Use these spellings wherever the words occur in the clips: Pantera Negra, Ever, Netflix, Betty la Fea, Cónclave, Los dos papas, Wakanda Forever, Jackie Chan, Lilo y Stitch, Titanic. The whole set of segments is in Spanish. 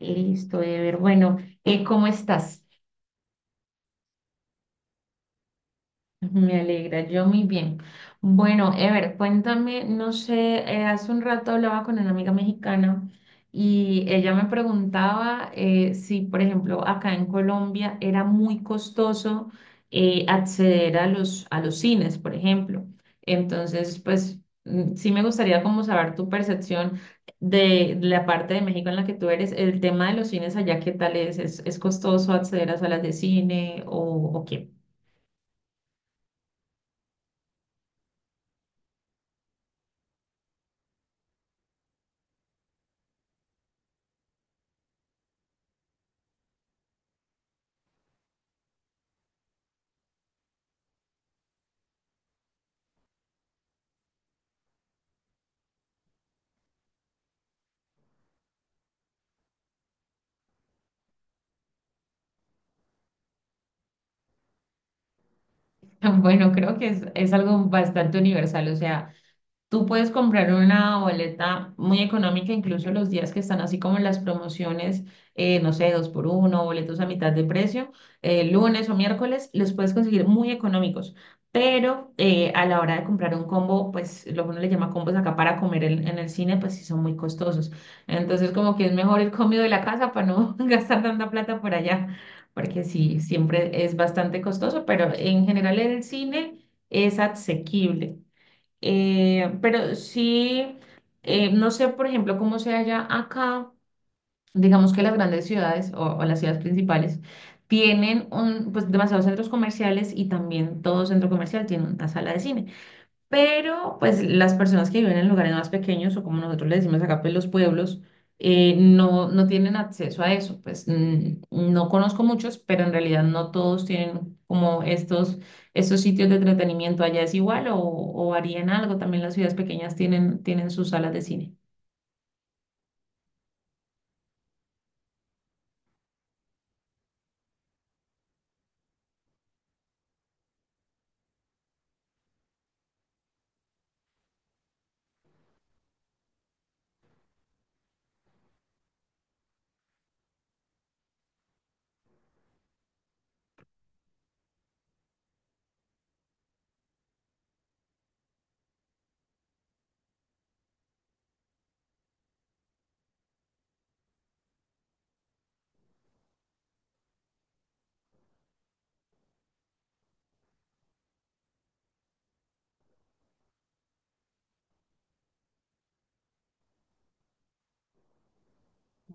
Listo, Ever. Bueno, ¿cómo estás? Me alegra, yo muy bien. Bueno, Ever, cuéntame, no sé, hace un rato hablaba con una amiga mexicana y ella me preguntaba si, por ejemplo, acá en Colombia era muy costoso acceder a los cines, por ejemplo. Entonces, pues sí me gustaría como saber tu percepción de la parte de México en la que tú eres, el tema de los cines allá. ¿Qué tal es? ¿Es costoso acceder a salas de cine o qué? Bueno, creo que es algo bastante universal, o sea, tú puedes comprar una boleta muy económica, incluso los días que están así como las promociones, no sé, dos por uno, boletos a mitad de precio, lunes o miércoles, los puedes conseguir muy económicos. Pero a la hora de comprar un combo, pues lo que uno le llama combos acá para comer en el cine, pues sí son muy costosos. Entonces como que es mejor el comido de la casa para no gastar tanta plata por allá, porque sí, siempre es bastante costoso, pero en general el cine es asequible. Pero sí, no sé, por ejemplo, cómo sea allá acá, digamos que las grandes ciudades o las ciudades principales tienen un, pues, demasiados centros comerciales y también todo centro comercial tiene una sala de cine. Pero pues las personas que viven en lugares más pequeños o como nosotros le decimos acá, pues los pueblos, no, no tienen acceso a eso. Pues no conozco muchos, pero en realidad no todos tienen como estos sitios de entretenimiento. Allá es igual o varía en algo. También las ciudades pequeñas tienen sus salas de cine.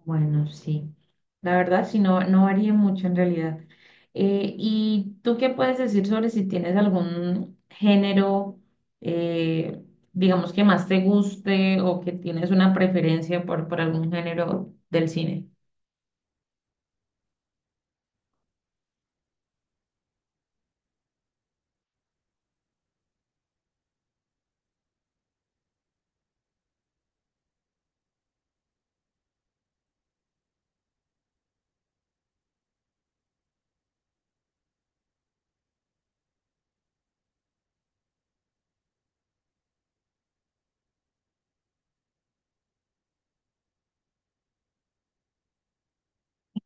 Bueno, sí. La verdad, sí, no, no varía mucho en realidad. ¿Y tú qué puedes decir sobre si tienes algún género, eh, digamos, que más te guste o que tienes una preferencia por algún género del cine?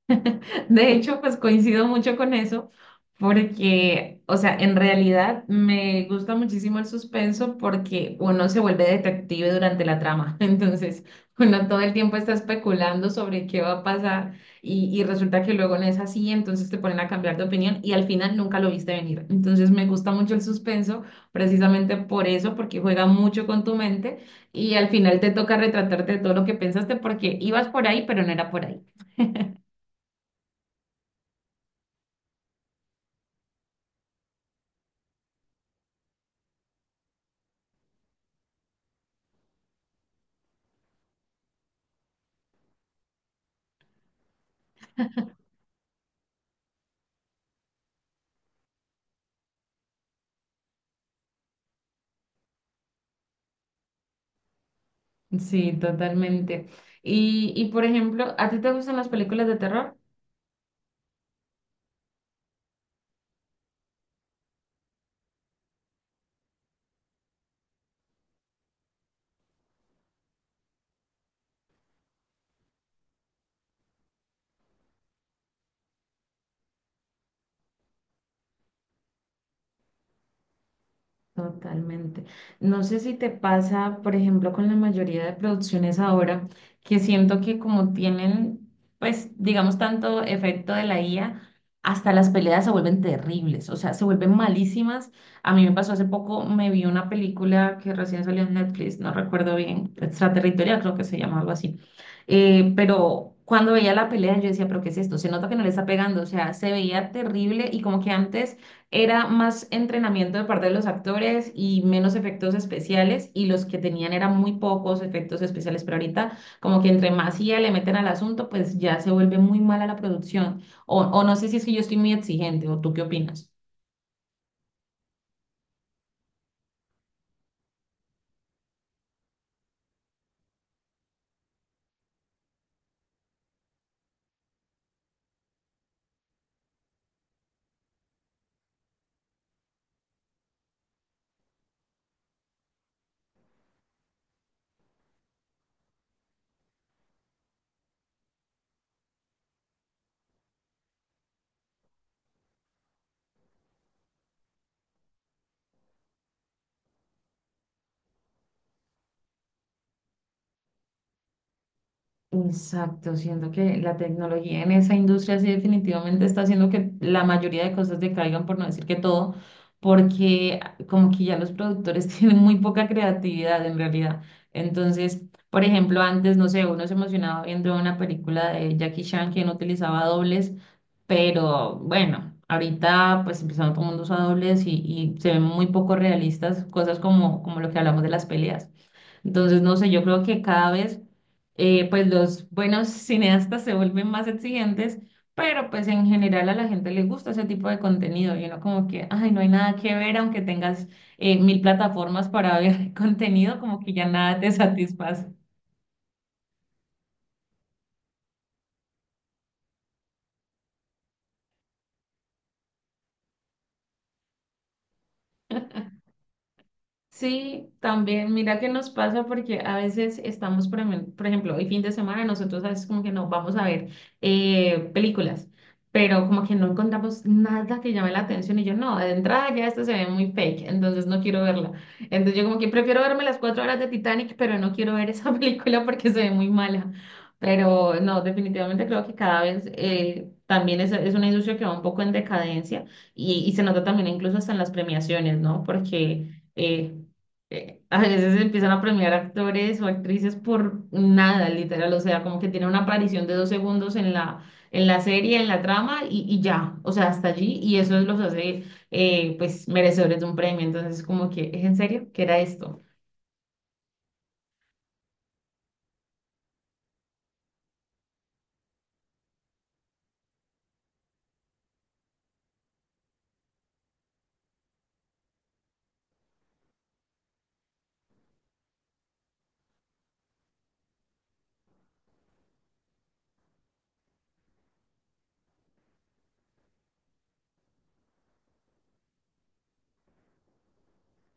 De hecho, pues coincido mucho con eso, porque, o sea, en realidad me gusta muchísimo el suspenso porque uno se vuelve detective durante la trama. Entonces, uno todo el tiempo está especulando sobre qué va a pasar y resulta que luego no es así, entonces te ponen a cambiar de opinión y al final nunca lo viste venir. Entonces, me gusta mucho el suspenso precisamente por eso, porque juega mucho con tu mente y al final te toca retratarte de todo lo que pensaste porque ibas por ahí, pero no era por ahí. Sí, totalmente. Y por ejemplo, ¿a ti te gustan las películas de terror? Totalmente. No sé si te pasa, por ejemplo, con la mayoría de producciones ahora, que siento que como tienen, pues, digamos, tanto efecto de la IA, hasta las peleas se vuelven terribles, o sea, se vuelven malísimas. A mí me pasó hace poco, me vi una película que recién salió en Netflix, no recuerdo bien, Extraterritorial creo que se llama algo así. Pero cuando veía la pelea, yo decía, pero ¿qué es esto? Se nota que no le está pegando, o sea, se veía terrible y como que antes era más entrenamiento de parte de los actores y menos efectos especiales y los que tenían eran muy pocos efectos especiales, pero ahorita como que entre más IA le meten al asunto, pues ya se vuelve muy mala la producción. O no sé si es que yo estoy muy exigente o tú qué opinas. Exacto, siento que la tecnología en esa industria sí definitivamente está haciendo que la mayoría de cosas decaigan, por no decir que todo, porque como que ya los productores tienen muy poca creatividad en realidad. Entonces, por ejemplo, antes, no sé, uno se emocionaba viendo una película de Jackie Chan que no utilizaba dobles, pero bueno, ahorita pues empezando todo el mundo usa dobles y se ven muy poco realistas cosas como, como lo que hablamos de las peleas. Entonces, no sé, yo creo que cada vez pues los buenos cineastas se vuelven más exigentes, pero pues en general a la gente le gusta ese tipo de contenido y uno como que, ay, no hay nada que ver, aunque tengas mil plataformas para ver contenido, como que ya nada te satisface. Sí, también, mira qué nos pasa porque a veces estamos, por ejemplo, el fin de semana nosotros a veces como que nos vamos a ver películas, pero como que no encontramos nada que llame la atención y yo no, de entrada ya esta se ve muy fake, entonces no quiero verla. Entonces yo como que prefiero verme las 4 horas de Titanic, pero no quiero ver esa película porque se ve muy mala. Pero no, definitivamente creo que cada vez también es una industria que va un poco en decadencia y se nota también incluso hasta en las premiaciones, ¿no? Porque eh, a veces empiezan a premiar actores o actrices por nada, literal, o sea, como que tiene una aparición de 2 segundos en la serie, en la trama y ya, o sea, hasta allí y eso los hace pues merecedores de un premio, entonces como que, ¿es en serio? ¿Qué era esto?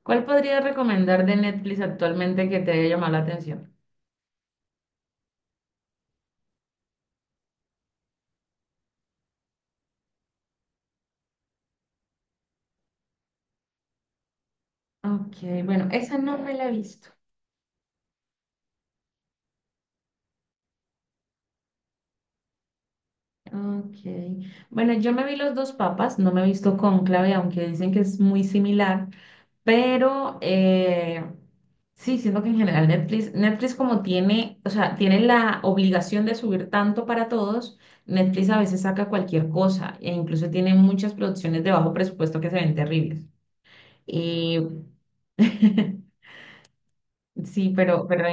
¿Cuál podrías recomendar de Netflix actualmente que te haya llamado la atención? Ok, bueno, esa no me la he visto. Okay. Bueno, yo me vi Los Dos Papas, no me he visto Cónclave, aunque dicen que es muy similar, pero sí, siento que en general Netflix como tiene, o sea, tiene la obligación de subir tanto para todos. Netflix a veces saca cualquier cosa e incluso tiene muchas producciones de bajo presupuesto que se ven terribles. Y sí, pero.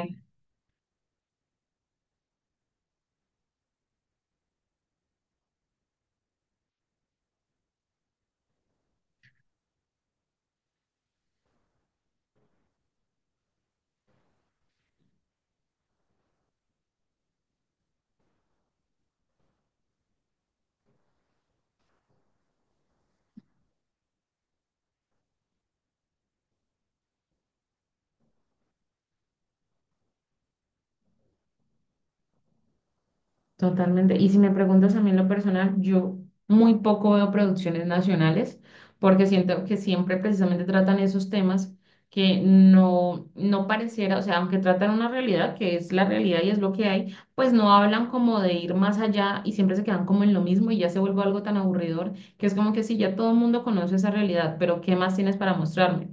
Totalmente. Y si me preguntas a mí en lo personal, yo muy poco veo producciones nacionales porque siento que siempre precisamente tratan esos temas que no, no pareciera, o sea, aunque tratan una realidad que es la realidad y es lo que hay, pues no hablan como de ir más allá y siempre se quedan como en lo mismo y ya se vuelve algo tan aburridor que es como que sí, ya todo el mundo conoce esa realidad, pero ¿qué más tienes para mostrarme?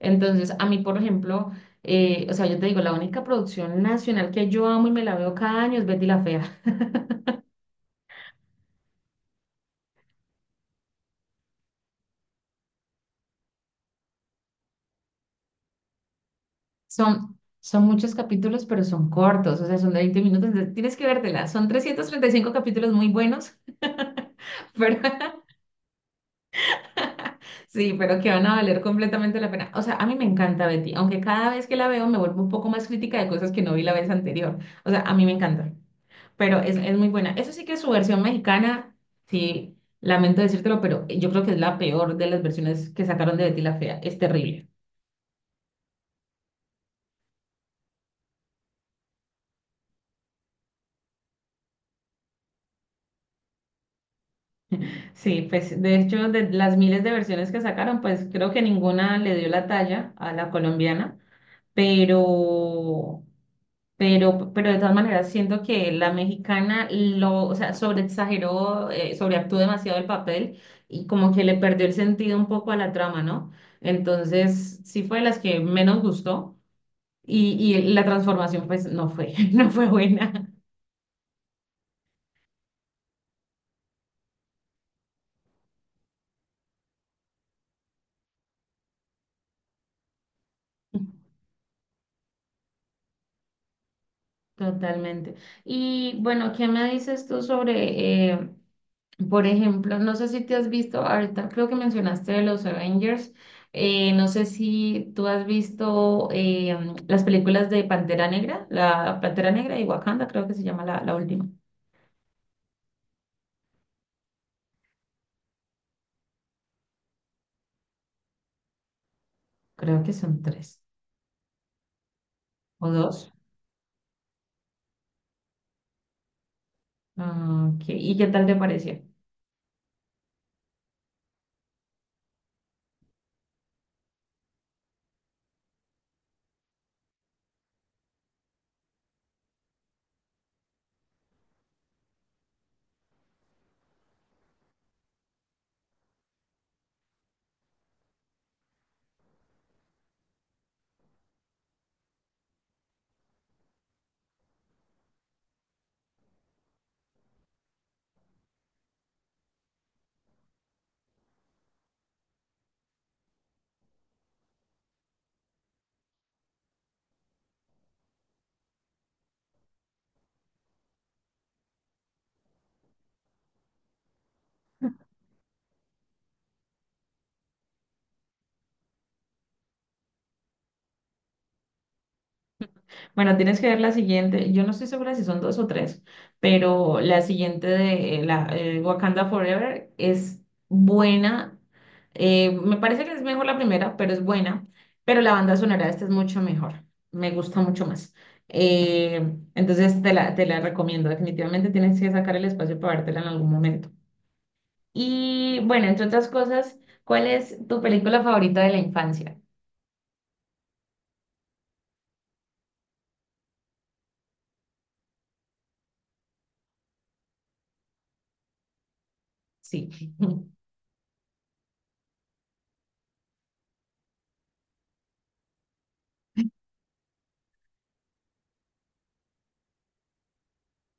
Entonces, a mí, por ejemplo, o sea, yo te digo, la única producción nacional que yo amo y me la veo cada año es Betty la Fea. Son muchos capítulos, pero son cortos, o sea, son de 20 minutos, entonces tienes que vértela. Son 335 capítulos muy buenos, pero sí, pero que van a valer completamente la pena. O sea, a mí me encanta Betty, aunque cada vez que la veo me vuelvo un poco más crítica de cosas que no vi la vez anterior. O sea, a mí me encanta, pero es muy buena. Eso sí que su versión mexicana, sí, lamento decírtelo, pero yo creo que es la peor de las versiones que sacaron de Betty la Fea. Es terrible. Sí, pues de hecho, de las miles de versiones que sacaron, pues creo que ninguna le dio la talla a la colombiana, pero, pero de todas maneras siento que la mexicana lo, o sea, sobreexageró, sobreactuó demasiado el papel y como que le perdió el sentido un poco a la trama, ¿no? Entonces, sí fue de las que menos gustó y la transformación pues no fue, no fue buena. Totalmente. Y bueno, ¿qué me dices tú sobre por ejemplo? No sé si te has visto, ahorita creo que mencionaste de los Avengers, no sé si tú has visto las películas de Pantera Negra, la Pantera Negra y Wakanda, creo que se llama la última, creo que son tres o dos. Ah, ok, ¿y qué tal te pareció? Bueno, tienes que ver la siguiente. Yo no estoy segura si son dos o tres, pero la siguiente de Wakanda Forever es buena. Me parece que es mejor la primera, pero es buena. Pero la banda sonora de esta es mucho mejor. Me gusta mucho más. Eh, entonces te la recomiendo. Definitivamente tienes que sacar el espacio para vértela en algún momento. Y bueno, entre otras cosas, ¿cuál es tu película favorita de la infancia? Sí.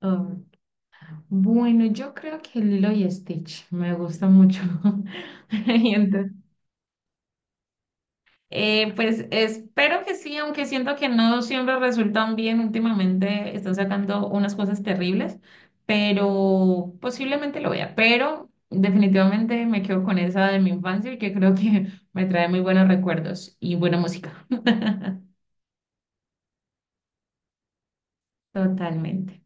Oh. Bueno, yo creo que Lilo y Stitch me gusta mucho. Y entonces, pues espero que sí, aunque siento que no siempre resultan bien. Últimamente están sacando unas cosas terribles, pero posiblemente lo vea. Pero definitivamente me quedo con esa de mi infancia y que creo que me trae muy buenos recuerdos y buena música. Totalmente.